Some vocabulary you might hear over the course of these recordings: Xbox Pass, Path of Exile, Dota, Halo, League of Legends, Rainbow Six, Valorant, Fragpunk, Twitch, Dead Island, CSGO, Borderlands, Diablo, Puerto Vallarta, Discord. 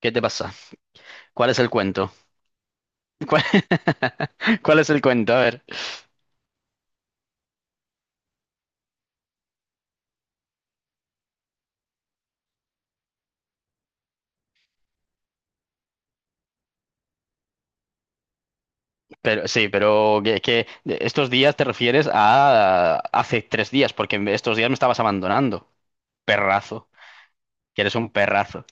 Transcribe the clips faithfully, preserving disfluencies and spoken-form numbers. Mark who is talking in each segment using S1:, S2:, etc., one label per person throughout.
S1: ¿Qué te pasa? ¿Cuál es el cuento? ¿Cuál, cuál es el cuento? A ver. Pero sí, pero que, que estos días te refieres a hace tres días, porque estos días me estabas abandonando. Perrazo. Que eres un perrazo.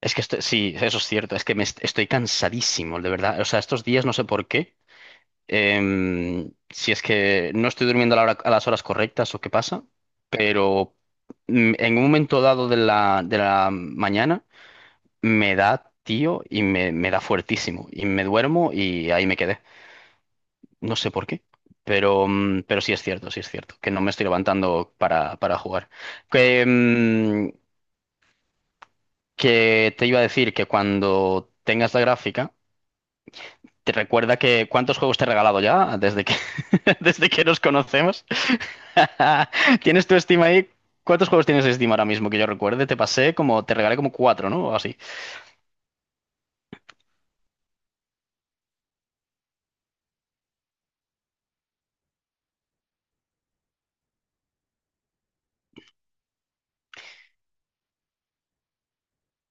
S1: Es que estoy, sí, eso es cierto. Es que me est- estoy cansadísimo, de verdad. O sea, estos días no sé por qué. Em, si es que no estoy durmiendo a la hora- a las horas correctas o qué pasa, pero mm, en un momento dado de la, de la mañana me da, tío, y me, me da fuertísimo. Y me duermo y ahí me quedé. No sé por qué, pero, mm, pero sí es cierto, sí es cierto, que no me estoy levantando para, para jugar. Que, mm, que te iba a decir que cuando tengas la gráfica, te recuerda que cuántos juegos te he regalado ya desde que, desde que nos conocemos. ¿Tienes tu Steam ahí? ¿Cuántos juegos tienes de Steam ahora mismo que yo recuerde? Te pasé como, te regalé como cuatro, ¿no? O así.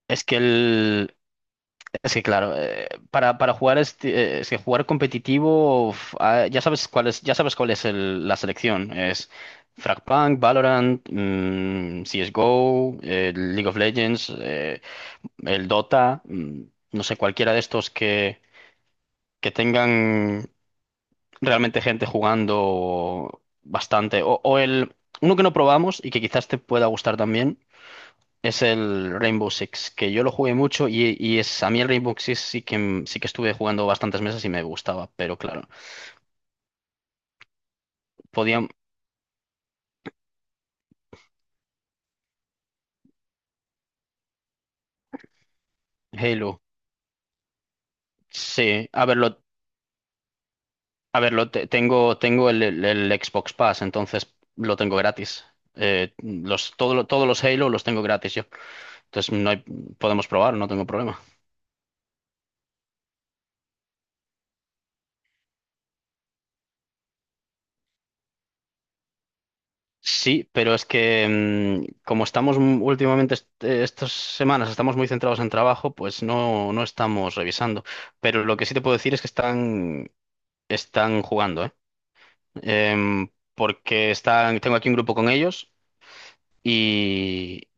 S1: Es que el, Es que claro, eh, para, para jugar este, eh, es que jugar competitivo, uf, ah, ya sabes cuál es, ya sabes cuál es el- la selección. Es Fragpunk, Valorant, mm, C S G O, eh, League of Legends, eh, el Dota, mm, no sé, cualquiera de estos que, que tengan realmente gente jugando bastante. O, o el uno que no probamos y que quizás te pueda gustar también, es el Rainbow Six, que yo lo jugué mucho y, y es, a mí el Rainbow Six sí que, m- sí que estuve jugando bastantes meses y me gustaba, pero claro, podían. Halo, sí, a verlo, a verlo, te- tengo, tengo el, el- el Xbox Pass, entonces lo tengo gratis. Eh, los, todo, lo- todos los Halo los tengo gratis yo, entonces no hay, podemos probar, no tengo problema. Sí, pero es que mm, como estamos m- últimamente est- eh, estas semanas estamos muy centrados en trabajo, pues no, no estamos revisando. Pero lo que sí te puedo decir es que están, están jugando, ¿eh? Em, Porque están, tengo aquí un grupo con ellos y,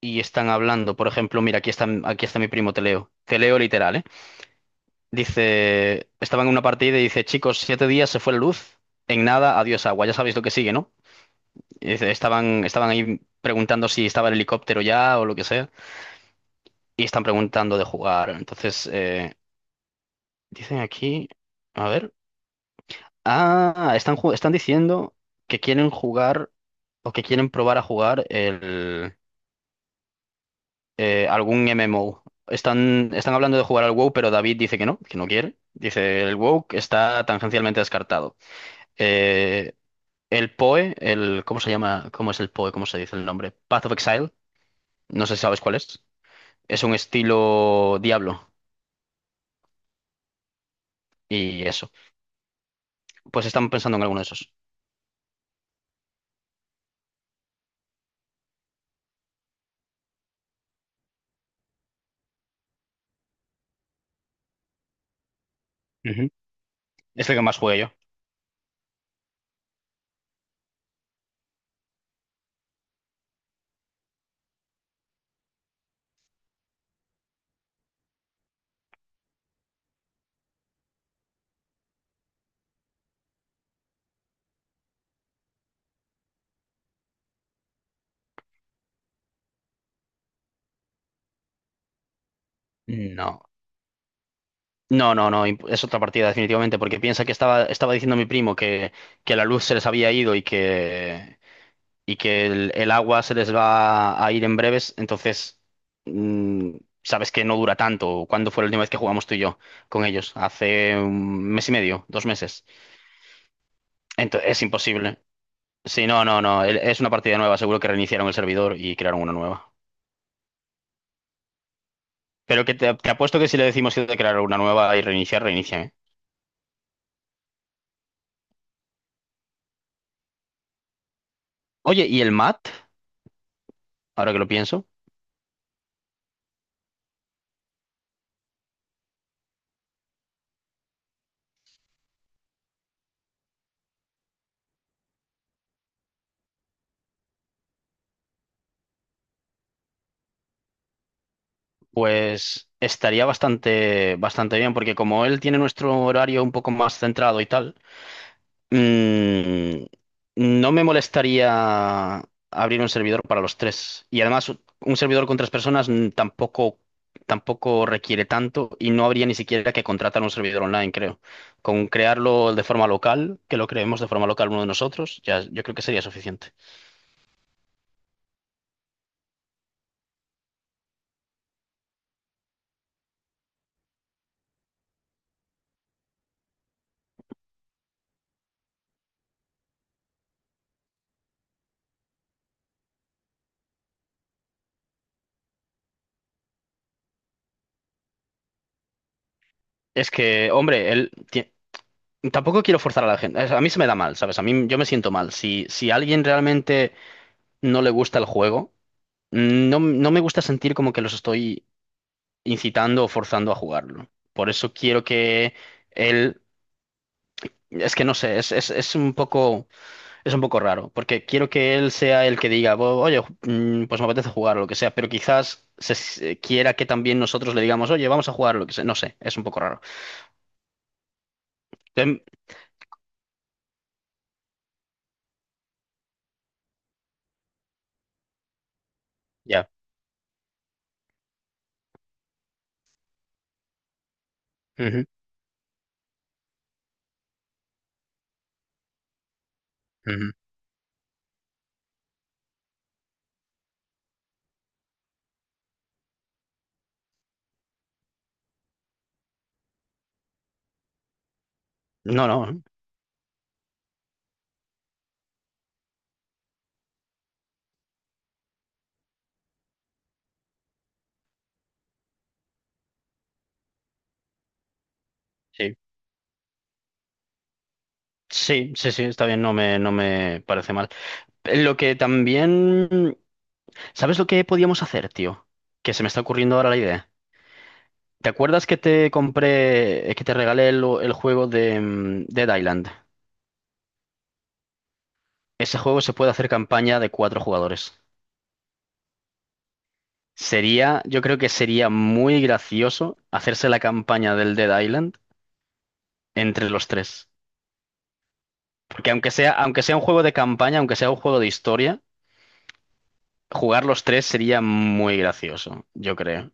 S1: y están hablando. Por ejemplo, mira, aquí está, aquí está mi primo, te leo. Te leo literal, ¿eh? Dice, estaba en una partida y dice, chicos, siete días se fue la luz. En nada, adiós agua. Ya sabéis lo que sigue, ¿no? Es- Estaban, estaban ahí preguntando si estaba el helicóptero ya o lo que sea. Y están preguntando de jugar. Entonces, eh, dicen aquí, a ver. Ah, están, ju- están diciendo que quieren jugar o que quieren probar a jugar el, eh, algún M M O. Están, están hablando de jugar al W O W, pero David dice que no, que no quiere. Dice, el W O W está tangencialmente descartado. Eh, el P O E, el, ¿cómo se llama? ¿Cómo es el P O E? ¿Cómo se dice el nombre? Path of Exile. No sé si sabes cuál es. Es un estilo Diablo y eso. Pues estamos pensando en alguno de esos. Ujú. Es el que más jugué yo. No. No, no, no, imp- es otra partida definitivamente, porque piensa que estaba, estaba diciendo mi primo que, que la luz se les había ido y que, y que el, el agua se les va a ir en breves, entonces mm, sabes que no dura tanto. ¿Cuándo fue la última vez que jugamos tú y yo con ellos? Hace un mes y medio, dos meses. Entonces es imposible. Sí, no, no, no, el- es una partida nueva, seguro que reiniciaron el servidor y crearon una nueva. Pero que te, te apuesto que si le decimos que crear una nueva y reiniciar, reinicia, ¿eh? Oye, ¿y el mat? Ahora que lo pienso, pues estaría bastante, bastante bien, porque como él tiene nuestro horario un poco más centrado y tal, mm, no me molestaría abrir un servidor para los tres. Y además, un servidor con tres personas mm, tampoco, tampoco requiere tanto y no habría ni siquiera que contratar un servidor online, creo. Con crearlo de forma local, que lo creemos de forma local uno de nosotros, ya yo creo que sería suficiente. Es que, hombre, él ti- tampoco quiero forzar a la gente. Es- A mí se me da mal, ¿sabes? A mí yo me siento mal. Si, si a alguien realmente no le gusta el juego, no, no me gusta sentir como que los estoy incitando o forzando a jugarlo. Por eso quiero que él. Es que no sé, es, es, es un poco, es un poco raro, porque quiero que él sea el que diga, "Bo- oye, ju- mm, pues me apetece jugar o lo que sea, pero quizás se, se- quiera que también nosotros le digamos, oye, vamos a jugar o lo que sea, no sé, es un poco raro. Entonces, ya. Ujú, ujú. No, no. Sí, sí, sí, sí, está bien, no me, no me parece mal. Eh, Lo que también... ¿Sabes lo que podíamos hacer, tío? Que se me está ocurriendo ahora la idea. ¿Te acuerdas que te compré, eh, que te regalé el, el juego de, mm, Dead Island? Ese juego se puede hacer campaña de cuatro jugadores. Sería, yo creo que sería muy gracioso hacerse la campaña del Dead Island entre los tres. Porque aunque sea, aunque sea un juego de campaña, aunque sea un juego de historia, jugar los tres sería muy gracioso, yo creo.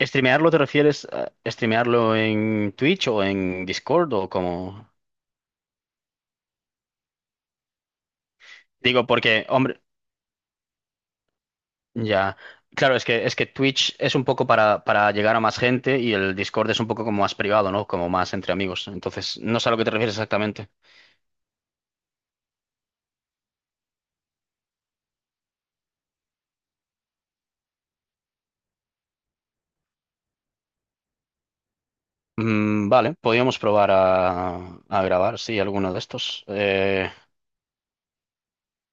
S1: ¿Streamearlo te refieres a streamearlo en Twitch o en Discord o como? Digo, porque, hombre, ya. Claro, es que es que Twitch es un poco para, para llegar a más gente y el Discord es un poco como más privado, ¿no? Como más entre amigos. Entonces, no sé a lo que te refieres exactamente. Mm, vale, podríamos probar a, a grabar, sí, alguno de estos. Eh,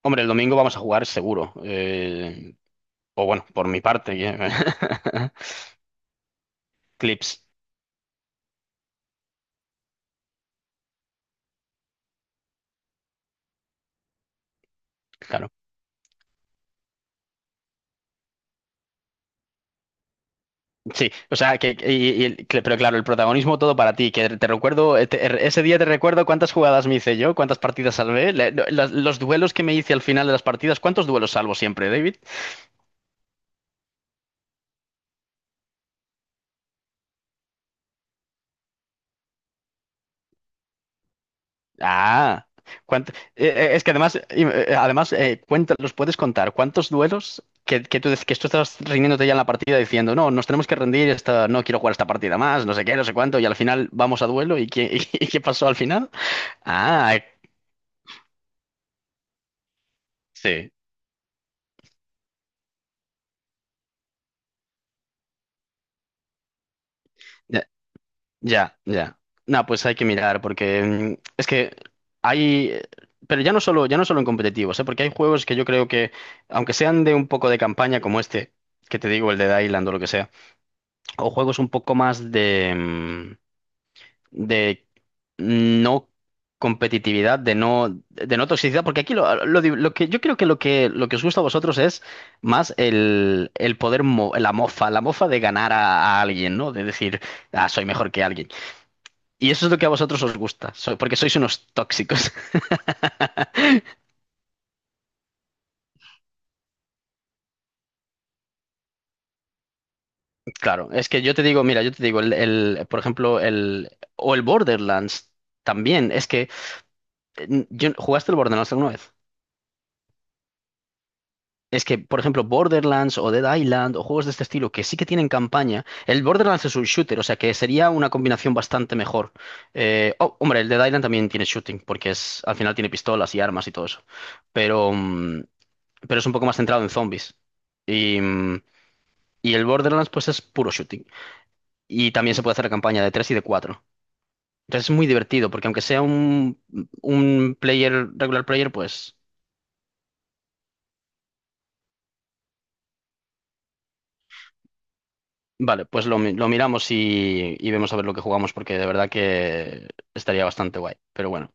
S1: Hombre, el domingo vamos a jugar seguro. Eh, o bueno, por mi parte, clips, claro. Sí, o sea, que, y- y- cl- pero claro, el protagonismo todo para ti, que te recuerdo, eh, te- er, ese día te recuerdo cuántas jugadas me hice yo, cuántas partidas salvé, le- lo- las- los duelos que me hice al final de las partidas, ¿cuántos duelos salvo siempre, David? Ah, cuánt- eh, eh, es que además, im- eh, además eh, cuenta- los puedes contar, ¿cuántos duelos que, que tú, dec- que tú estás rindiéndote ya en la partida diciendo, no, nos tenemos que rendir, esta, no quiero jugar esta partida más, no sé qué, no sé cuánto, y al final vamos a duelo, ¿y qué, y qué pasó al final? Ah, eh, sí. Ya, ya. No, pues hay que mirar, porque mm, es que hay. eh, Pero ya no solo, ya no solo en competitivos, ¿eh? Porque hay juegos que yo creo que, aunque sean de un poco de campaña, como este, que te digo, el de Island o lo que sea, o juegos un poco más de, mm, de no competitividad, de no, de no toxicidad, porque aquí lo, lo di- lo que yo creo que lo que lo que os gusta a vosotros es más el, el poder, mo- la mofa, la mofa de ganar a, a alguien, ¿no? De decir, ah, soy mejor que alguien. Y eso es lo que a vosotros os gusta, so- porque sois unos tóxicos. Claro, es que yo te digo, mira, yo te digo, el, el- por ejemplo, el, o el Borderlands también, es que, eh, yo- ¿jugaste el Borderlands alguna vez? Es que, por ejemplo, Borderlands o Dead Island o juegos de este estilo que sí que tienen campaña, el Borderlands es un shooter, o sea que sería una combinación bastante mejor. Eh, oh, hombre, el Dead Island también tiene shooting, porque es, al final tiene pistolas y armas y todo eso, pero, mm, pero es un poco más centrado en zombies. Y, mm, y el Borderlands, pues es puro shooting. Y también se puede hacer la campaña de tres y de cuatro. Entonces es muy divertido, porque aunque sea un, un player, regular player, pues vale, pues lo, mi- lo miramos y, y vemos a ver lo que jugamos, porque de verdad que estaría bastante guay. Pero bueno,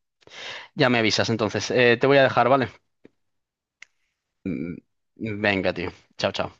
S1: ya me avisas entonces. Eh, te voy a dejar, ¿vale? Mm, Venga, tío. Chao, chao.